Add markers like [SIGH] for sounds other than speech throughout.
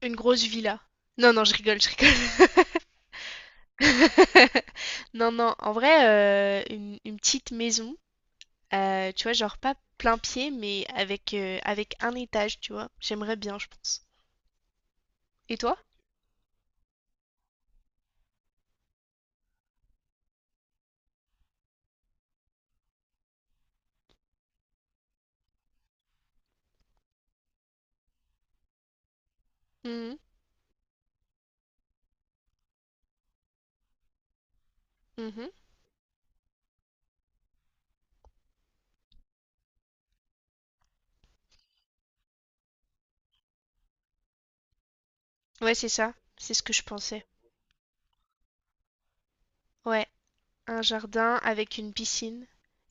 Une grosse villa. Non, non, je rigole, je rigole. [LAUGHS] Non, non, en vrai, une petite maison, tu vois, genre pas plein pied, mais avec un étage, tu vois. J'aimerais bien, je pense. Et toi? Mhm, mhm. Ouais, c'est ça, c'est ce que je pensais. Ouais, un jardin avec une piscine.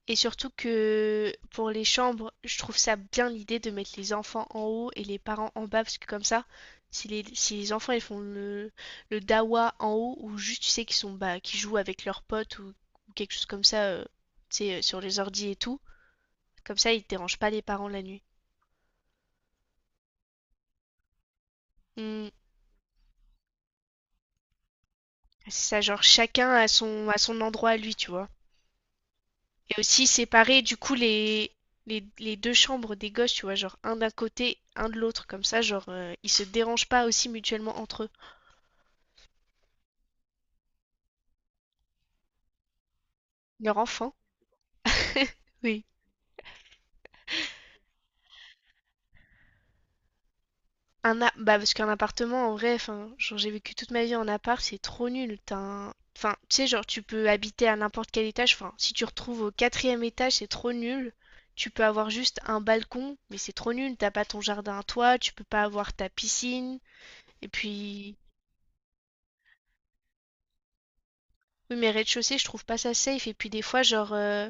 Et surtout que pour les chambres, je trouve ça bien l'idée de mettre les enfants en haut et les parents en bas, parce que comme ça, si les enfants ils font le dawa en haut, ou juste tu sais qu'ils sont bah, qu'ils jouent avec leurs potes ou quelque chose comme ça, tu sais, sur les ordi et tout, comme ça ils te dérangent pas les parents la nuit. Hmm, c'est ça, genre chacun à son endroit à lui, tu vois. Et aussi séparer du coup les deux chambres des gosses, tu vois, genre un d'un côté, un de l'autre, comme ça, genre ils se dérangent pas aussi mutuellement entre eux. Leur enfant. Oui. Bah parce qu'un appartement, en vrai, enfin, genre j'ai vécu toute ma vie en appart, c'est trop nul. Enfin, tu sais, genre tu peux habiter à n'importe quel étage. Enfin, si tu retrouves au quatrième étage, c'est trop nul. Tu peux avoir juste un balcon, mais c'est trop nul. T'as pas ton jardin à toi, tu peux pas avoir ta piscine. Et puis, oui, mais rez-de-chaussée, je trouve pas ça safe. Et puis des fois, genre,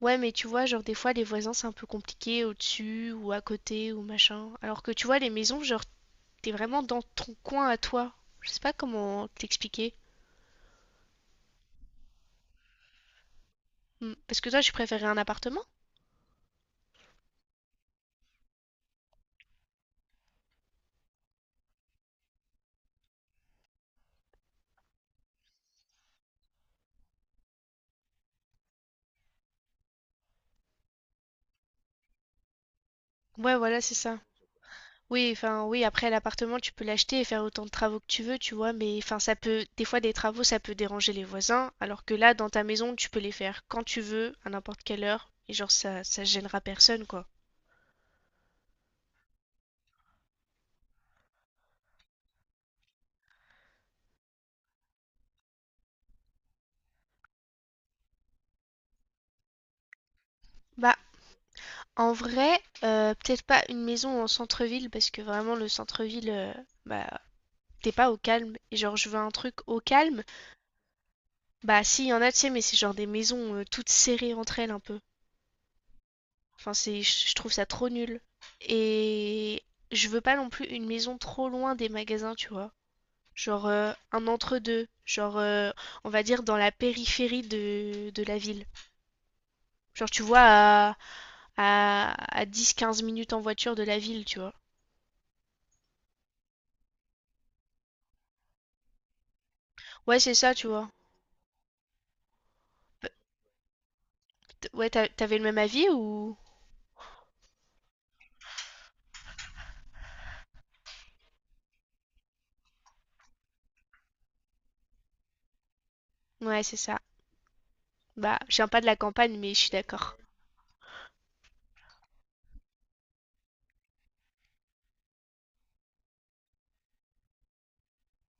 Ouais, mais tu vois, genre des fois les voisins c'est un peu compliqué au-dessus ou à côté ou machin. Alors que tu vois, les maisons, genre t'es vraiment dans ton coin à toi. Je sais pas comment t'expliquer. Hmm. Parce que toi, tu préférais un appartement? Ouais, voilà, c'est ça. Oui, enfin, oui, après l'appartement, tu peux l'acheter et faire autant de travaux que tu veux, tu vois, mais enfin, ça peut, des fois, des travaux, ça peut déranger les voisins, alors que là, dans ta maison, tu peux les faire quand tu veux, à n'importe quelle heure, et genre, ça gênera personne, quoi. Bah, en vrai, peut-être pas une maison en centre-ville parce que vraiment le centre-ville, bah, t'es pas au calme. Et genre, je veux un truc au calme. Bah, si, y en a, tu sais, mais c'est genre des maisons toutes serrées entre elles un peu. Enfin, c'est, je trouve ça trop nul. Et je veux pas non plus une maison trop loin des magasins, tu vois. Genre un entre-deux. Genre, on va dire dans la périphérie de la ville. Genre, tu vois, à 10 15 minutes en voiture de la ville, tu vois. Ouais, c'est ça, tu vois. Ouais, t'avais le même avis ou... Ouais, c'est ça. Bah, je viens pas de la campagne, mais je suis d'accord.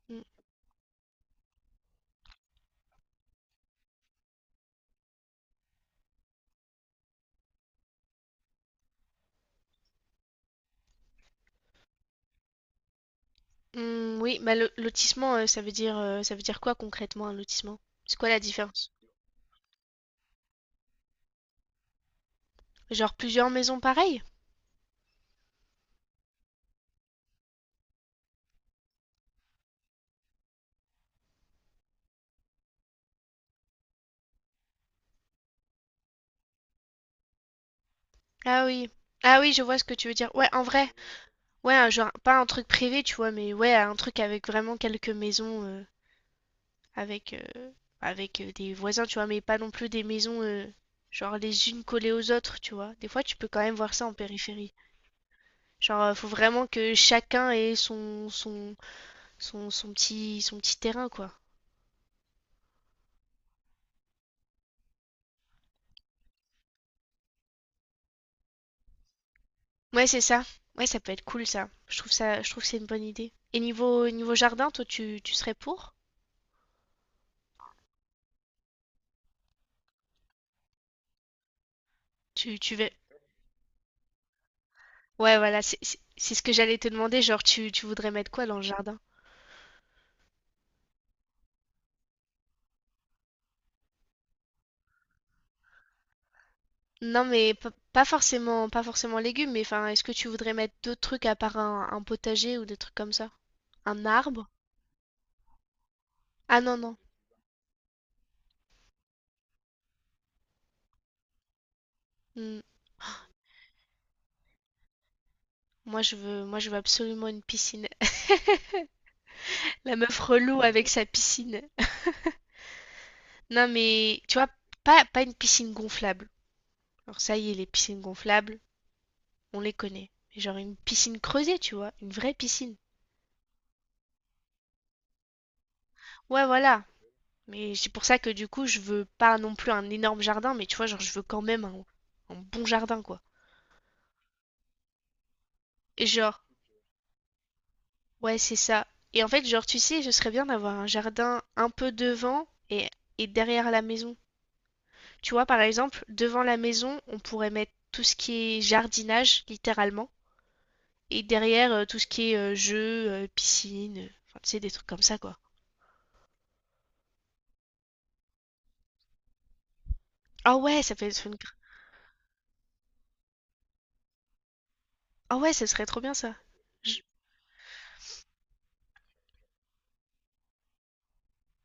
Mm. Mm, oui, bah, lotissement, ça veut dire quoi concrètement un lotissement? C'est quoi la différence? Genre plusieurs maisons pareilles? Ah oui. Ah oui, je vois ce que tu veux dire. Ouais, en vrai. Ouais, un genre, pas un truc privé, tu vois, mais ouais, un truc avec vraiment quelques maisons, avec, euh, avec des voisins, tu vois, mais pas non plus des maisons, genre les unes collées aux autres, tu vois. Des fois, tu peux quand même voir ça en périphérie. Genre, faut vraiment que chacun ait son petit terrain, quoi. Ouais, c'est ça. Ouais, ça peut être cool, ça. Je trouve ça, je trouve que c'est une bonne idée. Et niveau jardin, toi, tu serais pour? Tu veux... Ouais, voilà, c'est ce que j'allais te demander. Genre, tu voudrais mettre quoi dans le jardin? Non, mais pas forcément, pas forcément légumes, mais enfin, est-ce que tu voudrais mettre d'autres trucs à part un potager ou des trucs comme ça? Un arbre? Ah non, non. Hmm. Moi, je veux absolument une piscine. [LAUGHS] La meuf relou avec sa piscine. Non, mais tu vois, pas une piscine gonflable. Alors ça y est, les piscines gonflables, on les connaît. Mais genre une piscine creusée, tu vois, une vraie piscine. Ouais, voilà. Mais c'est pour ça que du coup, je veux pas non plus un énorme jardin, mais tu vois, genre, je veux quand même un bon jardin, quoi. Et genre, ouais, c'est ça. Et en fait, genre, tu sais, ce serait bien d'avoir un jardin un peu devant et derrière la maison. Tu vois, par exemple, devant la maison, on pourrait mettre tout ce qui est jardinage, littéralement. Et derrière, tout ce qui est jeux, piscine, enfin, tu sais, des trucs comme ça, quoi. Ah ouais, ça fait une gra- Ah ouais, ça serait trop bien, ça. Je-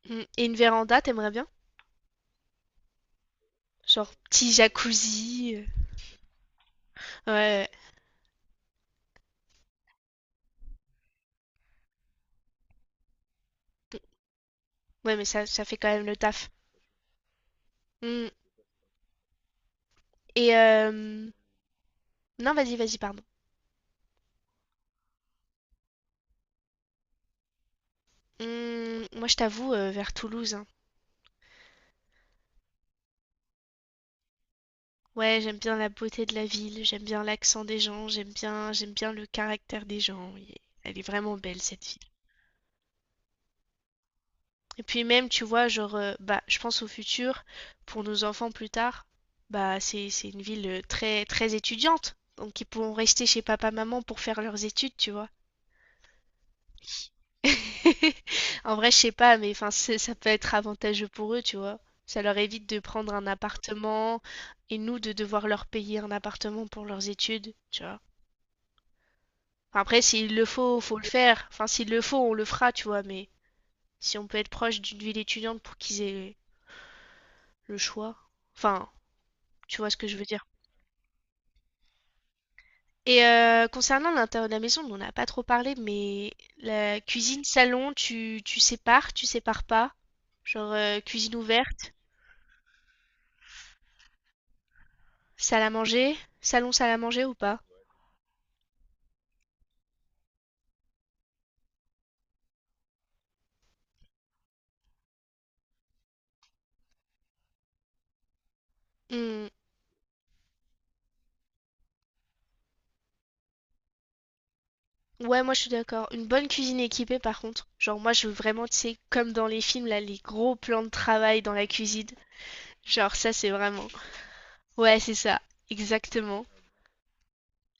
Mm. Et une véranda, t'aimerais bien? Genre, petit jacuzzi. Ouais, ouais, Hmm. Ouais, mais ça fait quand même le taf. Mm. Et, euh, Non, vas-y, vas-y, pardon. Mm, moi, je t'avoue, vers Toulouse, hein. Ouais, j'aime bien la beauté de la ville, j'aime bien l'accent des gens, j'aime bien le caractère des gens. Elle est vraiment belle, cette ville. Et puis même, tu vois, genre, bah, je pense au futur, pour nos enfants plus tard, bah, c'est une ville très, très étudiante. Donc ils pourront rester chez papa, maman pour faire leurs études, tu vois. [LAUGHS] En vrai, je sais pas, mais enfin, ça peut être avantageux pour eux, tu vois. Ça leur évite de prendre un appartement et nous de devoir leur payer un appartement pour leurs études, tu vois. Enfin, après, s'il le faut, faut le faire. Enfin, s'il le faut, on le fera, tu vois. Mais si on peut être proche d'une ville étudiante pour qu'ils aient le choix. Enfin, tu vois ce que je veux dire. Et concernant l'intérieur de la maison, on n'a pas trop parlé, mais la cuisine, salon, tu sépares, tu sépares pas? Genre cuisine ouverte, salle à manger, salon, salle à manger ou pas? Hmm. Ouais, moi je suis d'accord. Une bonne cuisine équipée par contre. Genre moi je veux vraiment, tu sais, comme dans les films, là, les gros plans de travail dans la cuisine. Genre ça c'est vraiment... Ouais, c'est ça, exactement.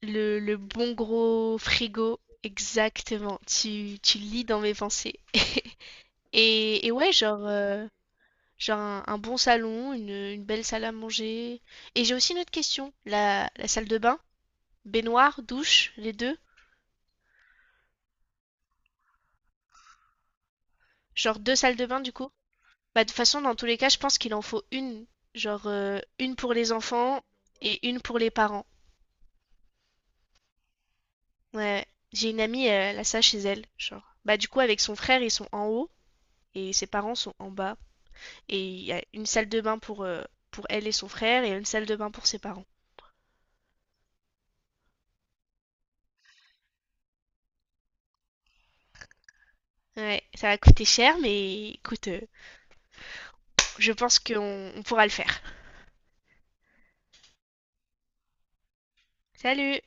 Le bon gros frigo, exactement. Tu lis dans mes pensées. Et ouais, genre... Genre un bon salon, une belle salle à manger. Et j'ai aussi une autre question. La salle de bain, baignoire, douche, les deux. Genre deux salles de bain du coup. Bah, de toute façon, dans tous les cas, je pense qu'il en faut une. Genre une pour les enfants et une pour les parents. Ouais. J'ai une amie, elle a ça chez elle. Genre. Bah du coup, avec son frère, ils sont en haut et ses parents sont en bas. Et il y a une salle de bain pour elle et son frère et une salle de bain pour ses parents. Ouais, ça va coûter cher, mais écoute, je pense qu'on pourra le faire. Salut